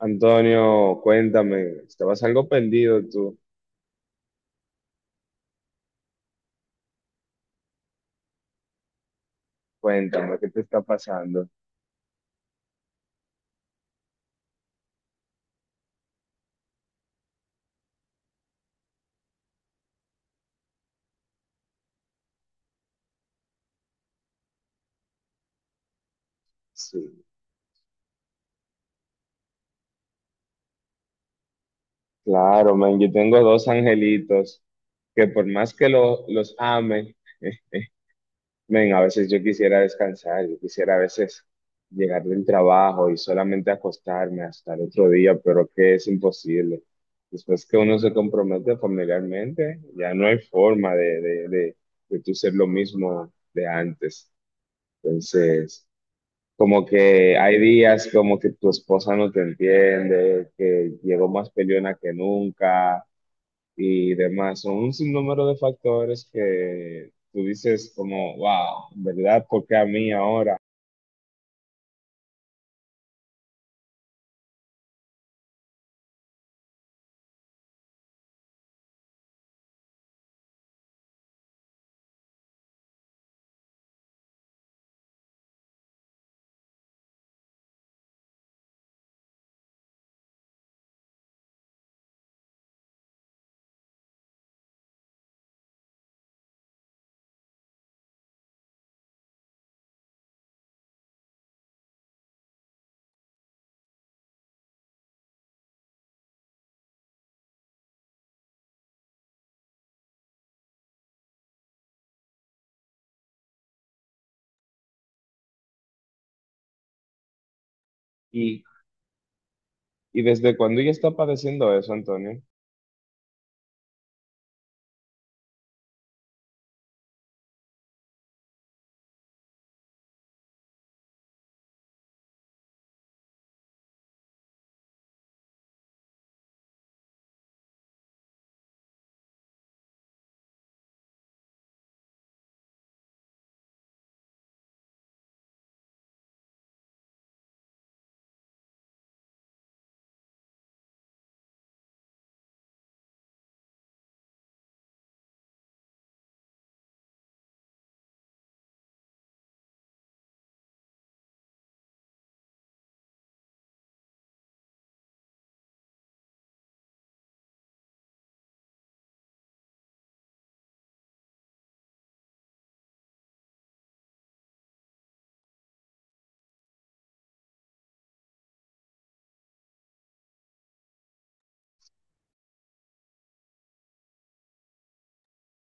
Antonio, cuéntame, estabas algo perdido tú. Cuéntame, ¿qué te está pasando? Sí, claro, man, yo tengo dos angelitos que por más que los ame, men, a veces yo quisiera descansar, yo quisiera a veces llegar del trabajo y solamente acostarme hasta el otro día, pero que es imposible. Después que uno se compromete familiarmente, ya no hay forma de tú ser lo mismo de antes. Entonces... Como que hay días como que tu esposa no te entiende, que llegó más peleona que nunca y demás. Son un sinnúmero de factores que tú dices como, wow, ¿verdad? ¿Por qué a mí ahora? ¿Y, y desde cuándo ella está padeciendo eso, Antonio?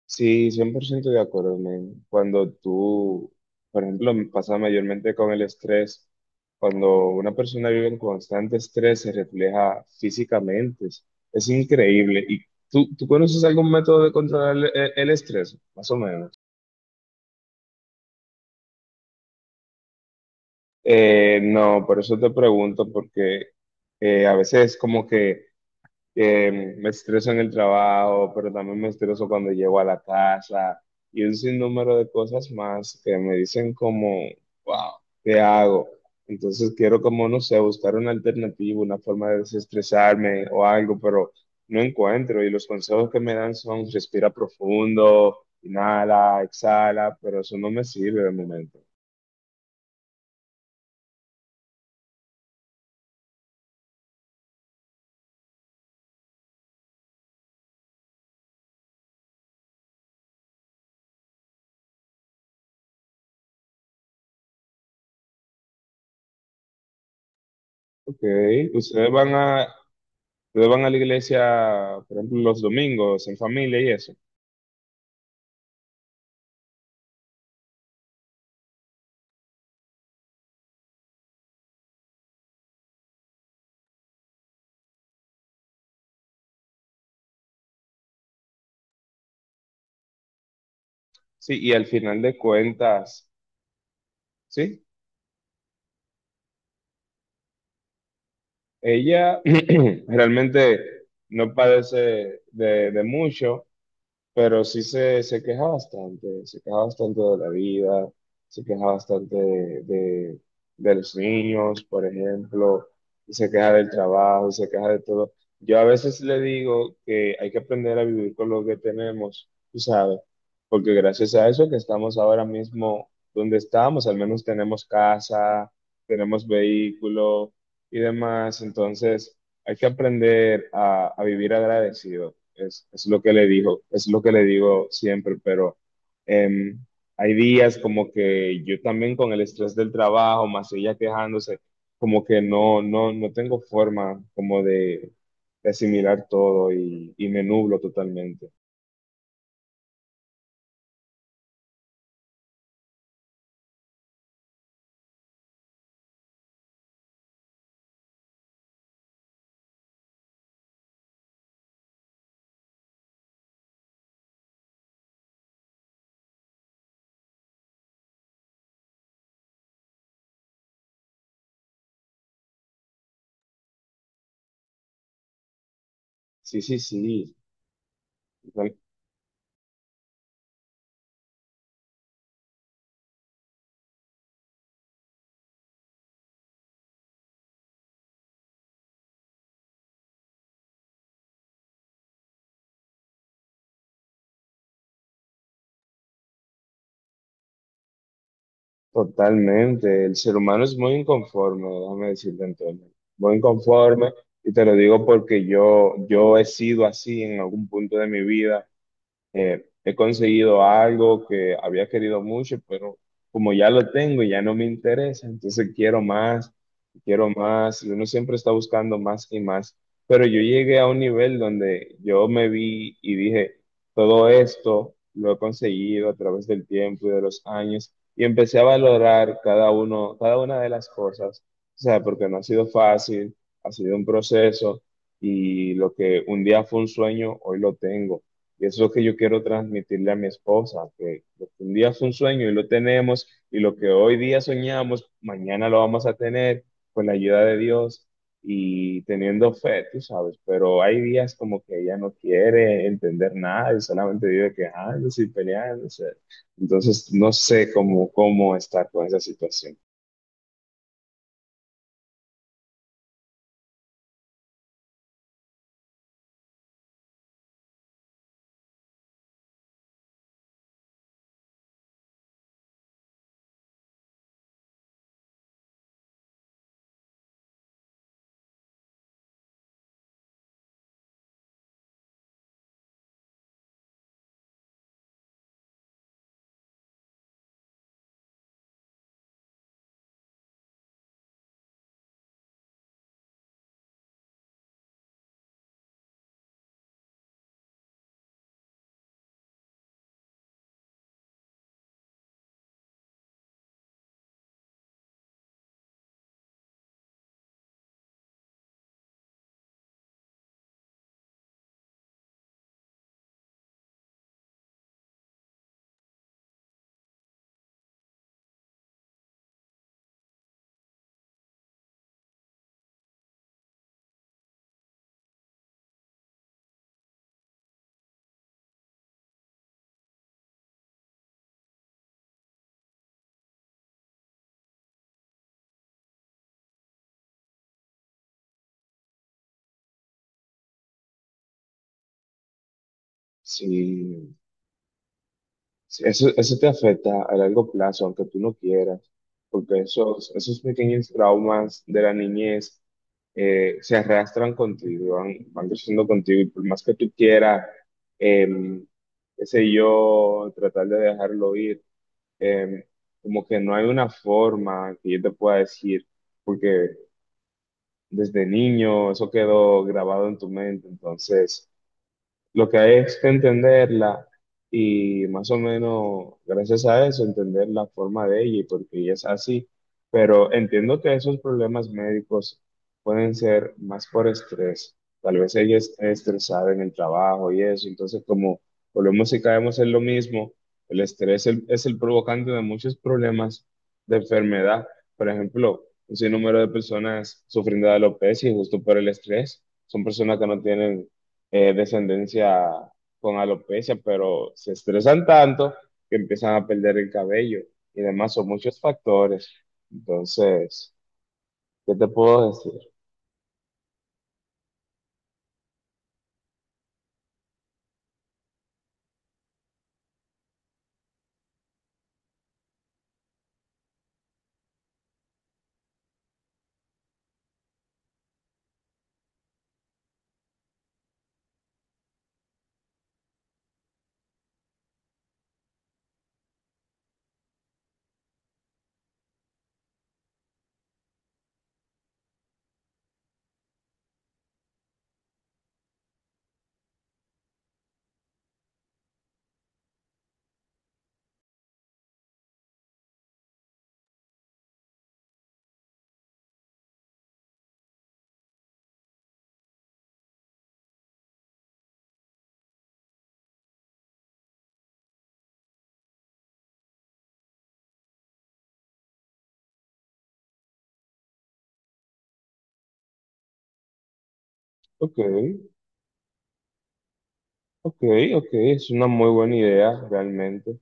Sí, 100% de acuerdo, men. Cuando tú, por ejemplo, me pasa mayormente con el estrés, cuando una persona vive en constante estrés se refleja físicamente, es increíble. ¿Y tú conoces algún método de controlar el estrés, más o menos? No, por eso te pregunto, porque a veces como que me estreso en el trabajo, pero también me estreso cuando llego a la casa y un sinnúmero de cosas más que me dicen como, wow, ¿qué hago? Entonces quiero como, no sé, buscar una alternativa, una forma de desestresarme o algo, pero no encuentro y los consejos que me dan son respira profundo, inhala, exhala, pero eso no me sirve de momento. Ok, ustedes van a, ustedes van a la iglesia, por ejemplo, los domingos en familia y eso. Sí, y al final de cuentas, sí, ella realmente no padece de mucho, pero sí se queja bastante de la vida, se queja bastante de los niños, por ejemplo, y se queja del trabajo, se queja de todo. Yo a veces le digo que hay que aprender a vivir con lo que tenemos, tú sabes, porque gracias a eso que estamos ahora mismo donde estamos, al menos tenemos casa, tenemos vehículo y demás, entonces hay que aprender a vivir agradecido. Lo que le digo, es lo que le digo siempre, pero em, hay días como que yo también con el estrés del trabajo, más ella quejándose, como que no tengo forma como de asimilar todo y me nublo totalmente. Sí, sí, sí. Totalmente, el ser humano es muy inconforme, déjame decirte Antonio, muy inconforme y te lo digo porque yo he sido así en algún punto de mi vida he conseguido algo que había querido mucho, pero como ya lo tengo, ya no me interesa, entonces quiero más, y uno siempre está buscando más y más, pero yo llegué a un nivel donde yo me vi y dije, todo esto lo he conseguido a través del tiempo y de los años, y empecé a valorar cada uno, cada una de las cosas, o sea, porque no ha sido fácil, ha sido un proceso, y lo que un día fue un sueño, hoy lo tengo. Y eso es lo que yo quiero transmitirle a mi esposa, que lo que un día fue un sueño y lo tenemos, y lo que hoy día soñamos, mañana lo vamos a tener con la ayuda de Dios y teniendo fe, tú sabes, pero hay días como que ella no quiere entender nada y solamente vive quejándose y peleándose. Entonces, no sé cómo, cómo estar con esa situación. Sí, sí, eso te afecta a largo plazo, aunque tú no quieras, porque esos, esos pequeños traumas de la niñez se arrastran contigo, van, van creciendo contigo, y por más que tú quieras, em, qué sé yo, tratar de dejarlo ir, em, como que no hay una forma que yo te pueda decir, porque desde niño eso quedó grabado en tu mente, entonces... Lo que hay es que entenderla y más o menos gracias a eso entender la forma de ella y por qué ella es así. Pero entiendo que esos problemas médicos pueden ser más por estrés. Tal vez ella esté estresada en el trabajo y eso. Entonces, como volvemos y caemos en lo mismo, el estrés es el provocante de muchos problemas de enfermedad. Por ejemplo, un sinnúmero de personas sufriendo de alopecia y justo por el estrés. Son personas que no tienen descendencia con alopecia, pero se estresan tanto que empiezan a perder el cabello y demás, son muchos factores. Entonces, ¿qué te puedo decir? Ok, ok, ok, es una muy buena idea realmente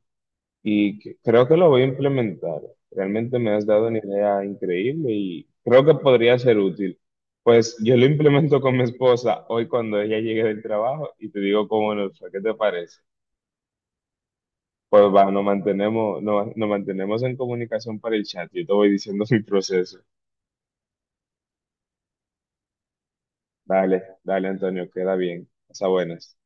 creo que lo voy a implementar. Realmente me has dado una idea increíble y creo que podría ser útil. Pues yo lo implemento con mi esposa hoy cuando ella llegue del trabajo y te digo cómo nos fue, ¿qué te parece? Pues va, nos mantenemos, nos mantenemos en comunicación para el chat. Yo te voy diciendo mi proceso. Dale, dale, Antonio, queda bien. Hasta buenas.